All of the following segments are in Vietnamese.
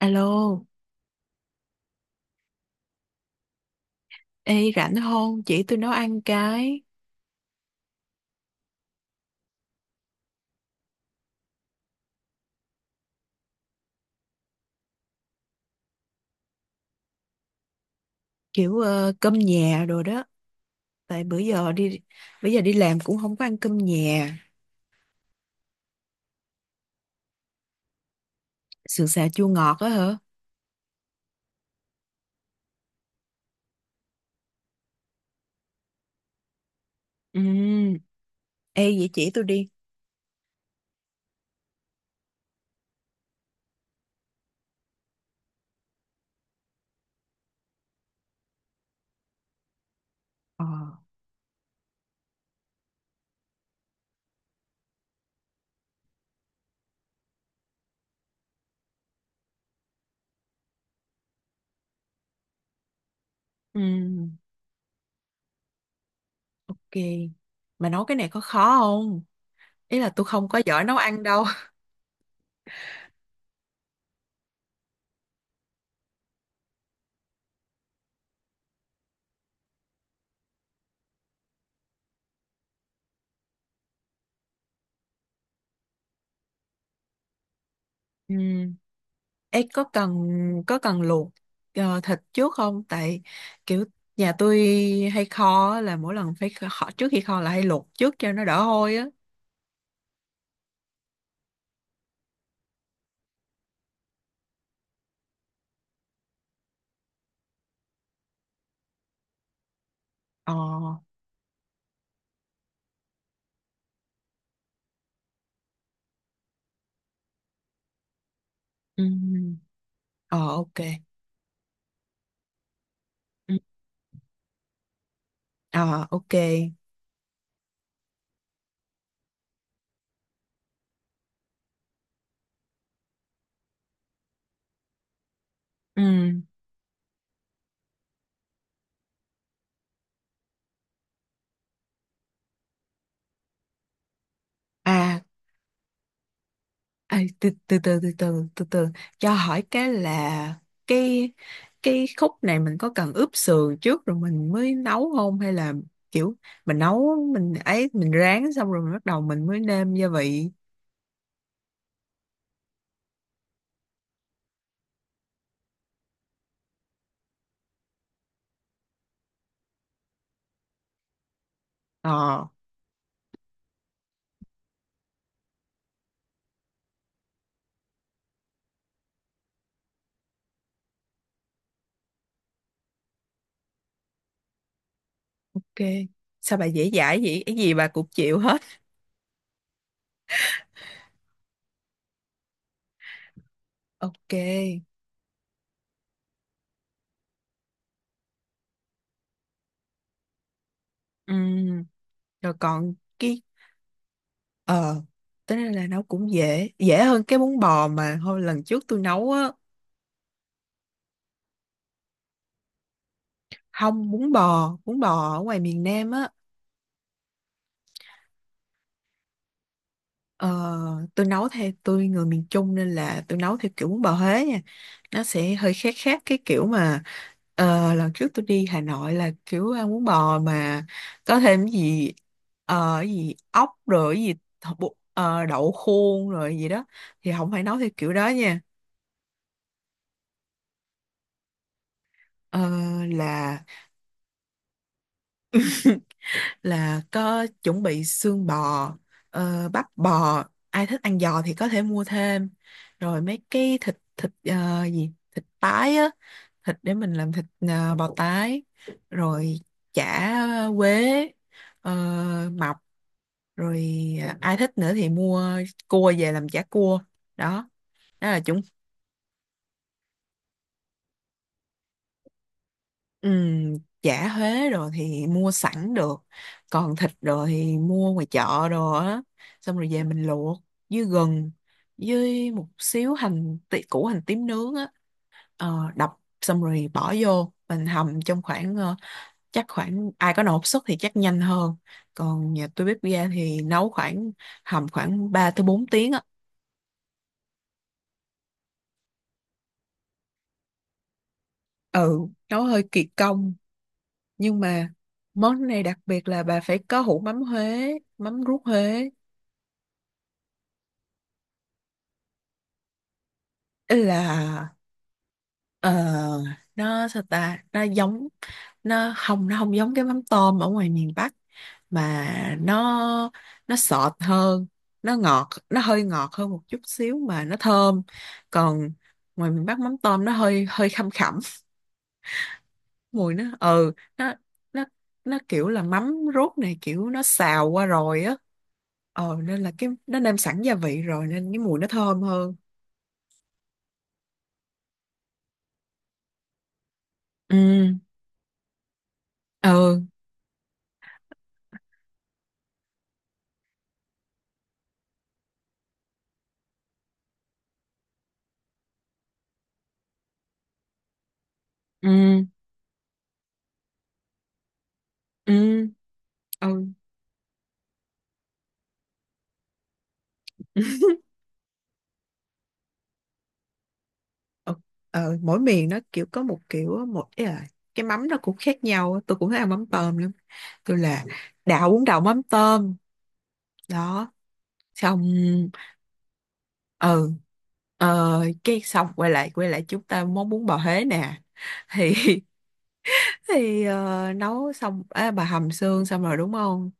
Alo, ê rảnh không? Chỉ tôi nấu ăn cái kiểu cơm nhà rồi đó. Tại bữa giờ đi làm cũng không có ăn cơm nhà. Sườn xào chua ngọt á hả? Ừ, ê vậy chỉ tôi đi. Ờ, ừ, ok. Mà nấu cái này có khó không? Ý là tôi không có giỏi nấu ăn đâu. Ừ. Ê có cần luộc thịt trước không? Tại kiểu nhà tôi hay kho á, là mỗi lần phải kho trước khi kho là hay luộc trước cho nó đỡ hôi á. Ờ. Ừ. Ờ, ok. Ừ. Ờ, ok. Ừ. À, từ từ cho hỏi cái là cái cái khúc này mình có cần ướp sườn trước rồi mình mới nấu không, hay là kiểu mình rán xong rồi mình bắt đầu mình mới nêm gia vị. Ờ, ok. Sao bà dễ dãi vậy? Cái gì bà cũng chịu hết. Ok. Ừ. Rồi còn cái Ờ, tính ra là nấu cũng dễ, dễ hơn cái bún bò mà hồi lần trước tôi nấu á, không bún bò, bún bò ở ngoài miền Nam á, ờ, tôi nấu theo tôi người miền Trung nên là tôi nấu theo kiểu bún bò Huế nha, nó sẽ hơi khác khác cái kiểu mà lần trước tôi đi Hà Nội là kiểu ăn bún bò mà có thêm cái gì cái gì ốc rồi cái gì đậu khuôn rồi gì đó, thì không phải nấu theo kiểu đó nha. Ờ, là là có chuẩn bị xương bò, bắp bò, ai thích ăn giò thì có thể mua thêm, rồi mấy cái thịt thịt ờ, gì thịt tái á, thịt để mình làm thịt bò tái, rồi chả quế, ờ, mọc, rồi ai thích nữa thì mua cua về làm chả cua đó, đó là chuẩn. Ừm, chả thuế rồi thì mua sẵn được, còn thịt rồi thì mua ngoài chợ rồi á, xong rồi về mình luộc với gừng, với một xíu hành tí, củ hành tím nướng á, đập xong rồi bỏ vô mình hầm trong khoảng chắc khoảng ai có nồi áp suất thì chắc nhanh hơn, còn nhà tôi bếp ga thì nấu khoảng hầm khoảng 3 tới 4 tiếng á, ừ, nấu hơi kỳ công nhưng mà món này đặc biệt là bà phải có hũ mắm Huế, mắm ruốc Huế. Là ờ, nó sao ta, nó giống nó không giống cái mắm tôm ở ngoài miền Bắc mà nó nó sọt hơn, nó hơi ngọt hơn một chút xíu mà nó thơm. Còn ngoài miền Bắc mắm tôm nó hơi hơi khăm khẳm. Mùi nó nó nó kiểu là mắm ruốc này kiểu nó xào qua rồi á, ờ nên là cái nó nêm sẵn gia vị rồi nên cái mùi nó thơm hơn. Ừ. Ừ. ừ ừ ừ. Ờ, mỗi miền nó kiểu có một kiểu, một ý là cái mắm nó cũng khác nhau á. Tôi cũng thấy ăn mắm tôm lắm, tôi là đảo bún đậu mắm tôm đó, xong ừ. Ờ, cái xong quay lại chúng ta món bún bò Huế nè, thì thì nấu xong bà hầm xương xong rồi đúng không,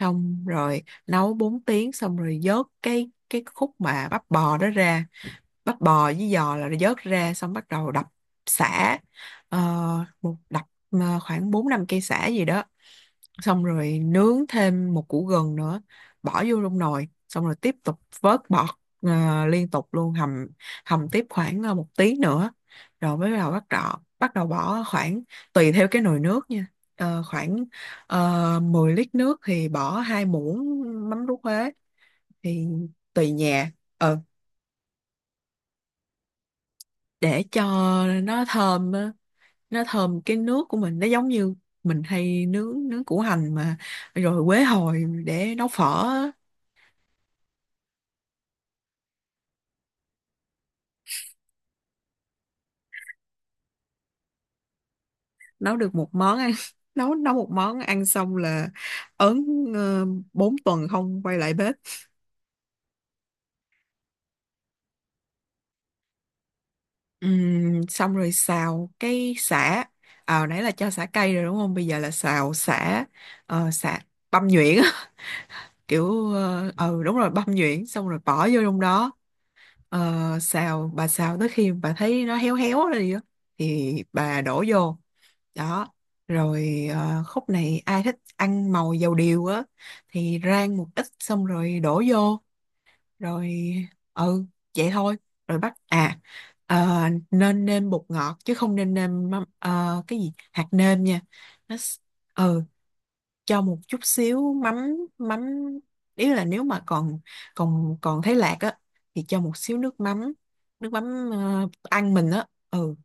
xong rồi nấu 4 tiếng xong rồi vớt cái khúc mà bắp bò đó ra, bắt bò với giò là vớt ra xong bắt đầu đập sả. Ờ, một đập khoảng 4 5 cây sả gì đó, xong rồi nướng thêm một củ gừng nữa, bỏ vô trong nồi xong rồi tiếp tục vớt bọt, liên tục luôn hầm, hầm tiếp khoảng một tí nữa, rồi mới bắt đầu bỏ khoảng tùy theo cái nồi nước nha. Ờ, khoảng 10 lít nước thì bỏ 2 muỗng mắm ruốc Huế thì tùy nhà. Ờ, để cho nó thơm á, nó thơm cái nước của mình nó giống như mình hay nướng nướng củ hành mà, rồi quế hồi để nấu phở á. Nấu được một món ăn nấu nấu một món ăn xong là ớn, ờ, 4 tuần không quay lại bếp. Xong rồi xào cái sả, à, nãy là cho sả cay rồi đúng không, bây giờ là xào sả. Sả băm nhuyễn á. Kiểu đúng rồi, băm nhuyễn xong rồi bỏ vô trong đó. Ờ, xào, bà xào tới khi bà thấy nó héo héo rồi á thì bà đổ vô đó. Rồi khúc này ai thích ăn màu dầu điều á thì rang một ít xong rồi đổ vô. Rồi ừ, vậy thôi. Rồi bắt ờ, nên nêm bột ngọt chứ không nên nêm mắm- ờ, cái gì hạt nêm nha. nó s- ừ, cho một chút xíu mắm mắm, ý là nếu mà còn còn còn thấy lạc á thì cho một xíu nước mắm ăn mình á. Ừ.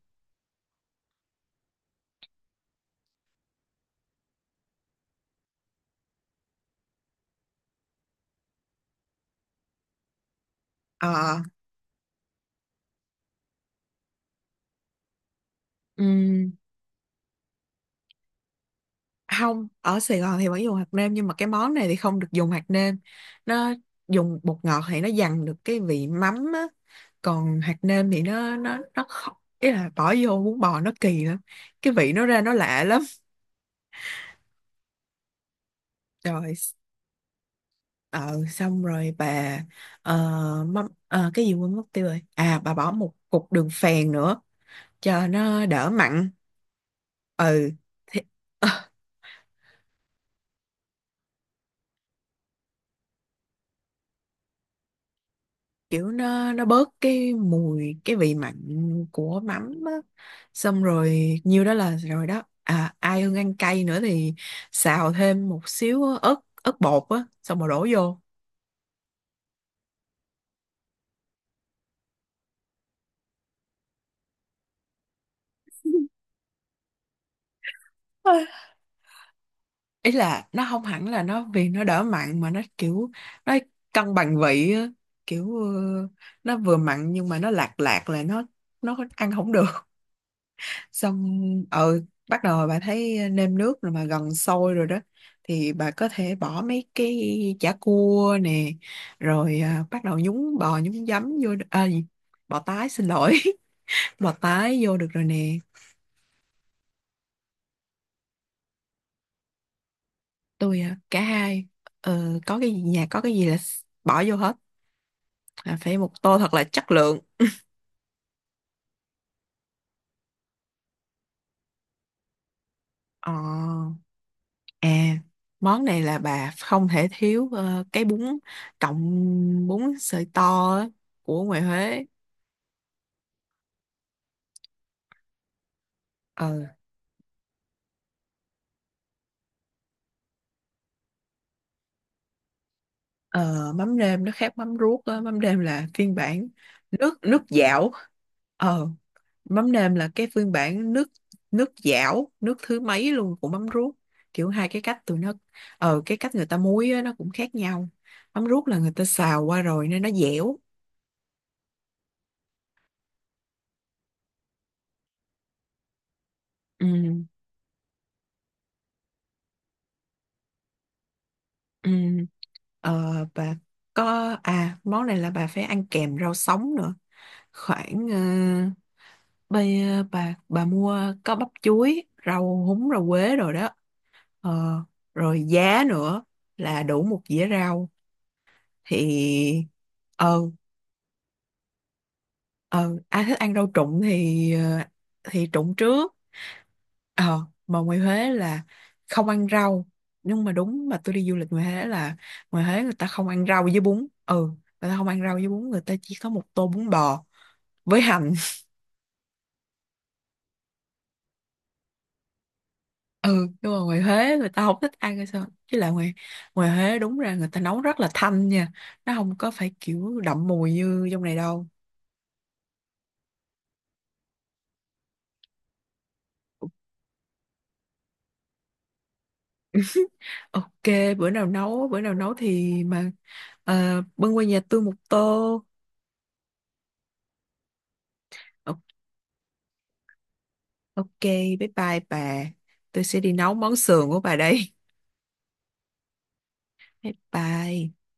Ờ, ừ, không ở Sài Gòn thì vẫn dùng hạt nêm nhưng mà cái món này thì không được dùng hạt nêm. Nó dùng bột ngọt thì nó dằn được cái vị mắm á, còn hạt nêm thì nó không, ý là bỏ vô bún bò nó kỳ lắm, cái vị nó ra nó lạ lắm. Rồi ờ xong rồi bà ờ, mắm ờ, cái gì quên mất tiêu rồi, à bà bỏ một cục đường phèn nữa cho nó đỡ mặn. Ừ, thì kiểu nó bớt cái mùi, cái vị mặn của mắm á. Xong rồi nhiêu đó là rồi đó, à ai ưng ăn cay nữa thì xào thêm một xíu ớt ớt bột á xong rồi đổ vô. Ôi, ý là nó không hẳn là nó vì nó đỡ mặn mà nó kiểu nó cân bằng vị á, kiểu nó vừa mặn nhưng mà nó lạc lạc là nó ăn không được. Xong ừ, bắt đầu bà thấy nêm nước rồi mà gần sôi rồi đó thì bà có thể bỏ mấy cái chả cua nè, rồi à, bắt đầu nhúng bò nhúng giấm vô đ- à, gì? Bò tái xin lỗi, bò tái vô được rồi nè. Tôi cả hai, có cái gì nhà có cái gì là bỏ vô hết, là phải một tô thật là chất lượng. ờ à Món này là bà không thể thiếu cái bún, cọng bún sợi to á, của ngoài Huế. Ờ. Ờ, mắm nêm nó khác mắm ruốc á. Mắm nêm là phiên bản nước nước dảo, ờ mắm nêm là cái phiên bản nước nước dảo, nước thứ mấy luôn của mắm ruốc. Kiểu hai cái cách tụi nó, ờ cái cách người ta muối á, nó cũng khác nhau. Mắm ruốc là người ta xào qua rồi nên nó dẻo. Ừ. Ừ. Ờ, bà có món này là bà phải ăn kèm rau sống nữa, khoảng ờ, bây ờ, bà mua, có bắp chuối, rau húng, rau quế rồi đó. Ờ, rồi giá nữa là đủ một dĩa rau thì ờ. Ờ, ai thích ăn rau trụng thì thì trụng trước. Ờ mà ngoài Huế là không ăn rau, nhưng mà đúng mà tôi đi du lịch ngoài Huế là ngoài Huế người ta không ăn rau với bún ừ, người ta không ăn rau với bún, người ta chỉ có một tô bún bò với hành. Ừ, nhưng mà ngoài Huế người ta không thích ăn hay sao chứ, là ngoài ngoài Huế đúng ra người ta nấu rất là thanh nha, nó không có phải kiểu đậm mùi như trong này đâu. Ok, bữa nào nấu thì mà bưng qua nhà tôi một tô. Ok, bye bye bà. Tôi sẽ đi nấu món sườn của bà đây. Bye bye.